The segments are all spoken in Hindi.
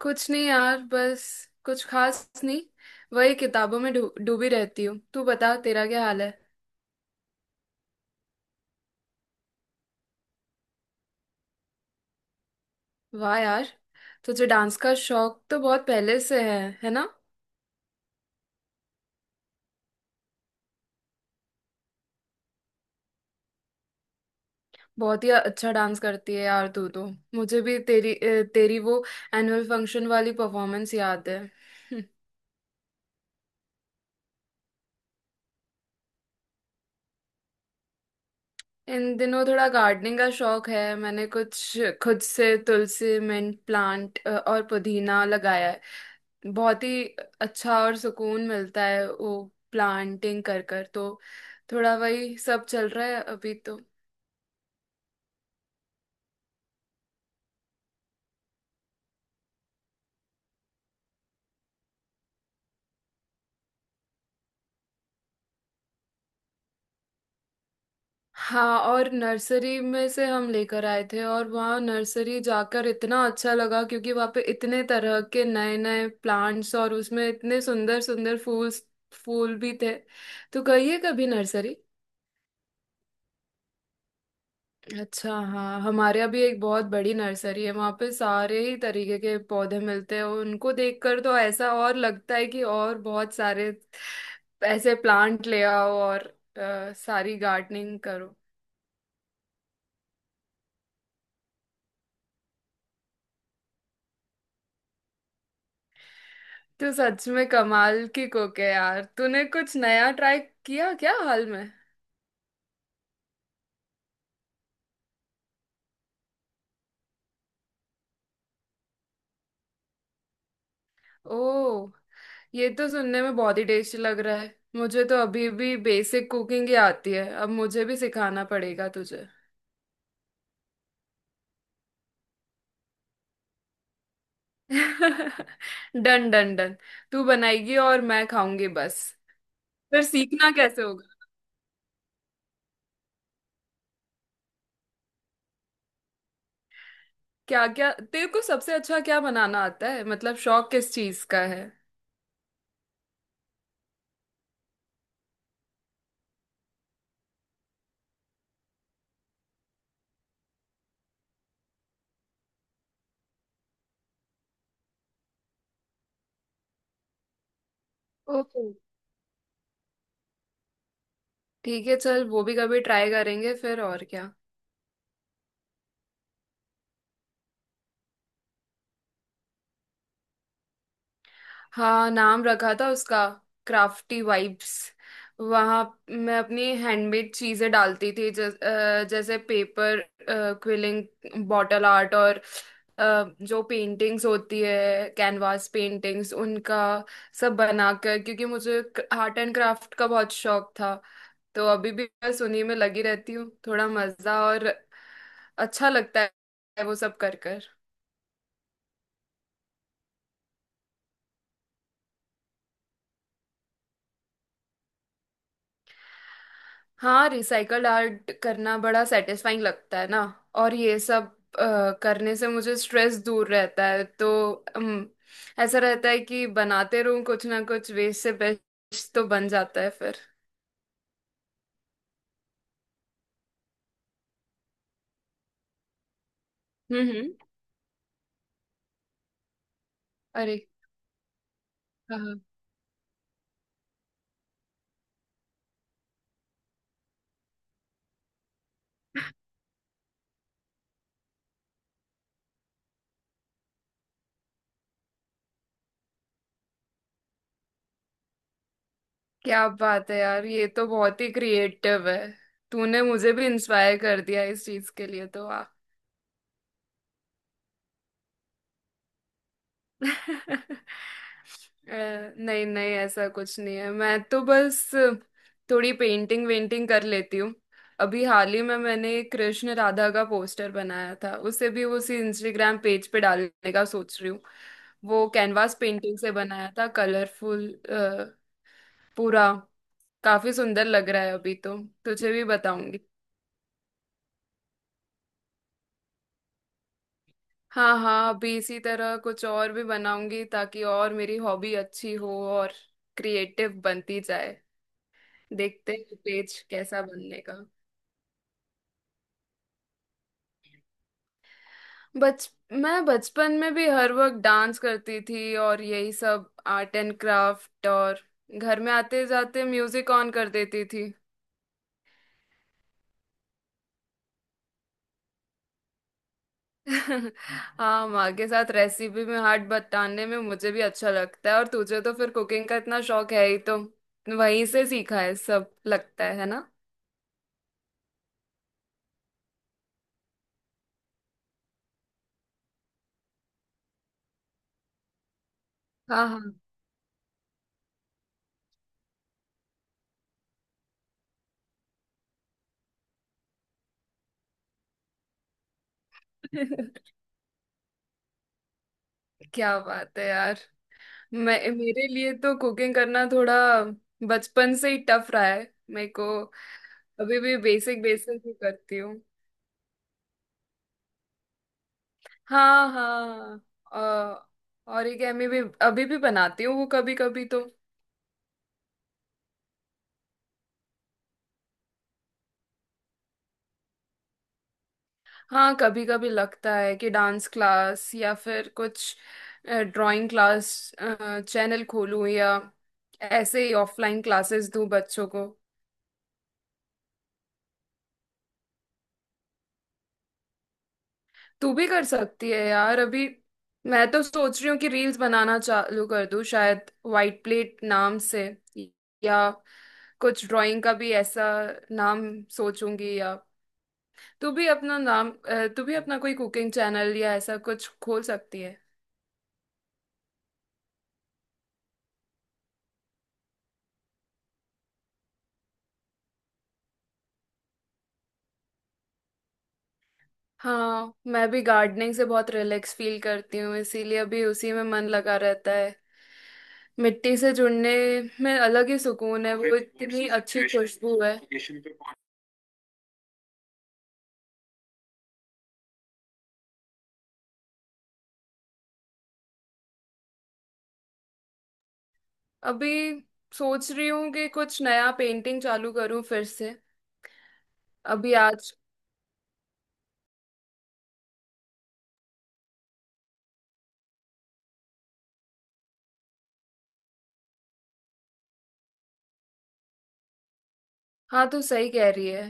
कुछ नहीं यार, बस कुछ खास नहीं। वही किताबों में डूबी रहती हूँ। तू बता, तेरा क्या हाल है। वाह यार, तुझे डांस का शौक तो बहुत पहले से है ना। बहुत ही अच्छा डांस करती है यार तू तो। मुझे भी तेरी तेरी वो एनुअल फंक्शन वाली परफॉर्मेंस याद है। इन दिनों थोड़ा गार्डनिंग का शौक है। मैंने कुछ खुद से तुलसी, मिंट प्लांट और पुदीना लगाया है। बहुत ही अच्छा और सुकून मिलता है वो प्लांटिंग कर कर तो। थोड़ा वही सब चल रहा है अभी तो। हाँ, और नर्सरी में से हम लेकर आए थे, और वहाँ नर्सरी जाकर इतना अच्छा लगा क्योंकि वहाँ पे इतने तरह के नए नए प्लांट्स और उसमें इतने सुंदर सुंदर फूल फूल भी थे। तो गई है कभी नर्सरी? अच्छा। हाँ, हमारे यहाँ भी एक बहुत बड़ी नर्सरी है, वहाँ पे सारे ही तरीके के पौधे मिलते हैं। उनको देखकर तो ऐसा और लगता है कि और बहुत सारे ऐसे प्लांट ले आओ और सारी गार्डनिंग करो। तो सच में कमाल की कुक है यार। तूने कुछ नया ट्राई किया क्या हाल में? ओ, ये तो सुनने में बहुत ही टेस्टी लग रहा है। मुझे तो अभी भी बेसिक कुकिंग ही आती है, अब मुझे भी सिखाना पड़ेगा तुझे। Done done done. तू बनाएगी और मैं खाऊंगी बस। फिर सीखना कैसे होगा? क्या क्या तेरे को सबसे अच्छा क्या बनाना आता है, मतलब शौक किस चीज का है? ओके, ठीक है चल, वो भी कभी ट्राई करेंगे फिर। और क्या? हाँ, नाम रखा था उसका क्राफ्टी वाइब्स। वहाँ मैं अपनी हैंडमेड चीजें डालती थी, जैसे पेपर क्विलिंग, बॉटल आर्ट और अ, जो पेंटिंग्स होती है कैनवास पेंटिंग्स, उनका सब बनाकर, क्योंकि मुझे आर्ट एंड क्राफ्ट का बहुत शौक था। तो अभी भी बस उन्हीं में लगी रहती हूँ। थोड़ा मजा और अच्छा लगता है वो सब कर। हाँ, रिसाइकल्ड आर्ट करना बड़ा सेटिस्फाइंग लगता है ना। और ये सब करने से मुझे स्ट्रेस दूर रहता है, तो ऐसा रहता है कि बनाते रहूं कुछ ना कुछ, वेस्ट से बेस्ट तो बन जाता है फिर। हम्म। अरे, हाँ। क्या बात है यार, ये तो बहुत ही क्रिएटिव है। तूने मुझे भी इंस्पायर कर दिया इस चीज के लिए तो। अ, नहीं नहीं, ऐसा कुछ नहीं है, मैं तो बस थोड़ी पेंटिंग वेंटिंग कर लेती हूँ। अभी हाल ही में मैंने एक कृष्ण राधा का पोस्टर बनाया था, उसे भी उसी इंस्टाग्राम पेज पे डालने का सोच रही हूँ। वो कैनवास पेंटिंग से बनाया था, कलरफुल। पूरा काफी सुंदर लग रहा है अभी तो। तुझे भी बताऊंगी। हाँ हाँ, अभी इसी तरह कुछ और भी बनाऊंगी ताकि और मेरी हॉबी अच्छी हो और क्रिएटिव बनती जाए। देखते हैं पेज कैसा बनने का। बच मैं बचपन में भी हर वक्त डांस करती थी और यही सब आर्ट एंड क्राफ्ट, और घर में आते जाते म्यूजिक ऑन कर देती थी। हाँ, माँ के साथ रेसिपी में हाथ बटाने में मुझे भी अच्छा लगता है, और तुझे तो फिर कुकिंग का इतना शौक है ही, तो वहीं से सीखा है सब लगता है ना। हाँ हाँ। क्या बात है यार। मैं मेरे लिए तो कुकिंग करना थोड़ा बचपन से ही टफ रहा है मेरे को। अभी भी बेसिक बेसिक ही करती हूँ। हाँ हाँ। ओरिगेमी भी अभी भी बनाती हूँ वो कभी कभी तो। हाँ, कभी कभी लगता है कि डांस क्लास या फिर कुछ ड्राइंग क्लास चैनल खोलूँ, या ऐसे ही ऑफलाइन क्लासेस दूँ बच्चों को। तू भी कर सकती है यार। अभी मैं तो सोच रही हूँ कि रील्स बनाना चालू कर दूँ, शायद वाइट प्लेट नाम से, या कुछ ड्राइंग का भी ऐसा नाम सोचूंगी। या तू भी अपना तू भी अपना कोई कुकिंग चैनल या ऐसा कुछ खोल सकती है। हाँ, मैं भी गार्डनिंग से बहुत रिलैक्स फील करती हूँ, इसीलिए अभी उसी में मन लगा रहता है। मिट्टी से जुड़ने में अलग ही सुकून है, वो इतनी अच्छी खुशबू है। अभी सोच रही हूँ कि कुछ नया पेंटिंग चालू करूँ फिर से। अभी आज। हाँ, तो सही कह रही है।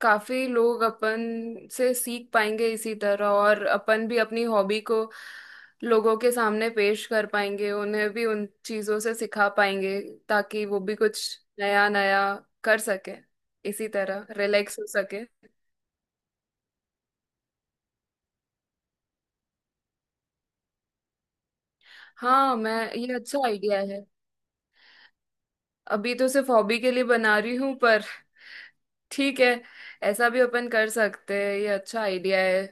काफी लोग अपन से सीख पाएंगे इसी तरह, और अपन भी अपनी हॉबी को लोगों के सामने पेश कर पाएंगे, उन्हें भी उन चीजों से सिखा पाएंगे ताकि वो भी कुछ नया नया कर सके, इसी तरह रिलैक्स हो सके। हाँ, मैं, ये अच्छा आइडिया है। अभी तो सिर्फ हॉबी के लिए बना रही हूँ पर ठीक है, ऐसा भी अपन कर सकते हैं, ये अच्छा आइडिया है।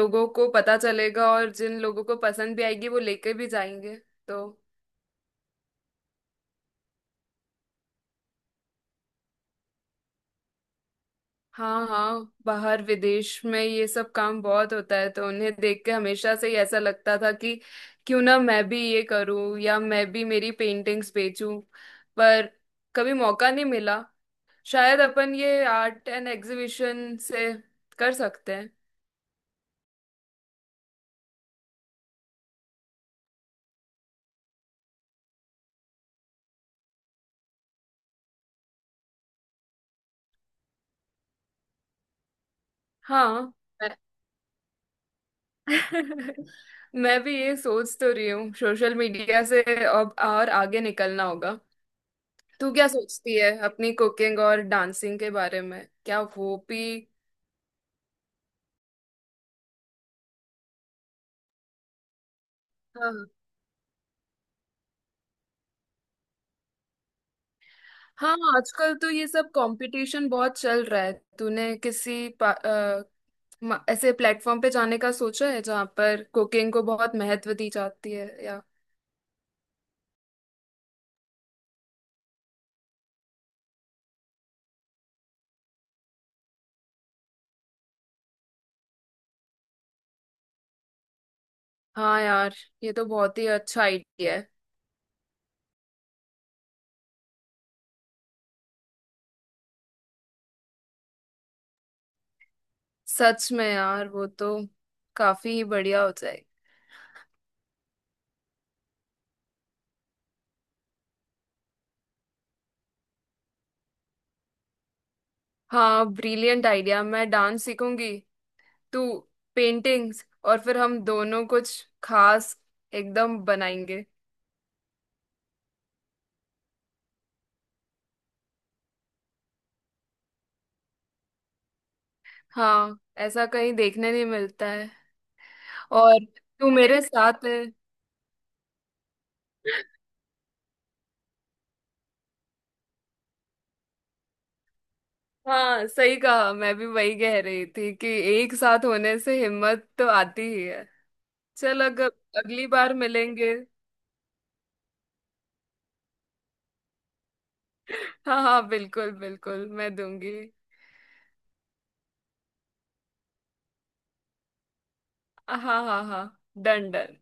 लोगों को पता चलेगा और जिन लोगों को पसंद भी आएगी वो लेके भी जाएंगे तो। हाँ हाँ, बाहर विदेश में ये सब काम बहुत होता है, तो उन्हें देख के हमेशा से ही ऐसा लगता था कि क्यों ना मैं भी ये करूँ, या मैं भी मेरी पेंटिंग्स बेचूं। पर कभी मौका नहीं मिला। शायद अपन ये आर्ट एंड एग्जीबिशन से कर सकते हैं। हाँ, मैं भी ये सोच तो रही हूँ, सोशल मीडिया से अब और आगे निकलना होगा। तू क्या सोचती है अपनी कुकिंग और डांसिंग के बारे में, क्या वो भी? हाँ हाँ, आजकल तो ये सब कंपटीशन बहुत चल रहा है। तूने किसी ऐसे प्लेटफॉर्म पे जाने का सोचा है जहाँ पर कुकिंग को बहुत महत्व दी जाती है या? हाँ यार, ये तो बहुत ही अच्छा आइडिया है। सच में यार, वो तो काफी बढ़िया हो। हाँ, ब्रिलियंट आइडिया। मैं डांस सीखूंगी, तू पेंटिंग्स, और फिर हम दोनों कुछ खास एकदम बनाएंगे। हाँ, ऐसा कहीं देखने नहीं मिलता है। और तू मेरे साथ है। हाँ सही कहा, मैं भी वही कह रही थी कि एक साथ होने से हिम्मत तो आती ही है। चल, अगर अगली बार मिलेंगे। हाँ हाँ, बिल्कुल बिल्कुल, मैं दूंगी। हाँ हाँ हाँ हाँ, डन डन।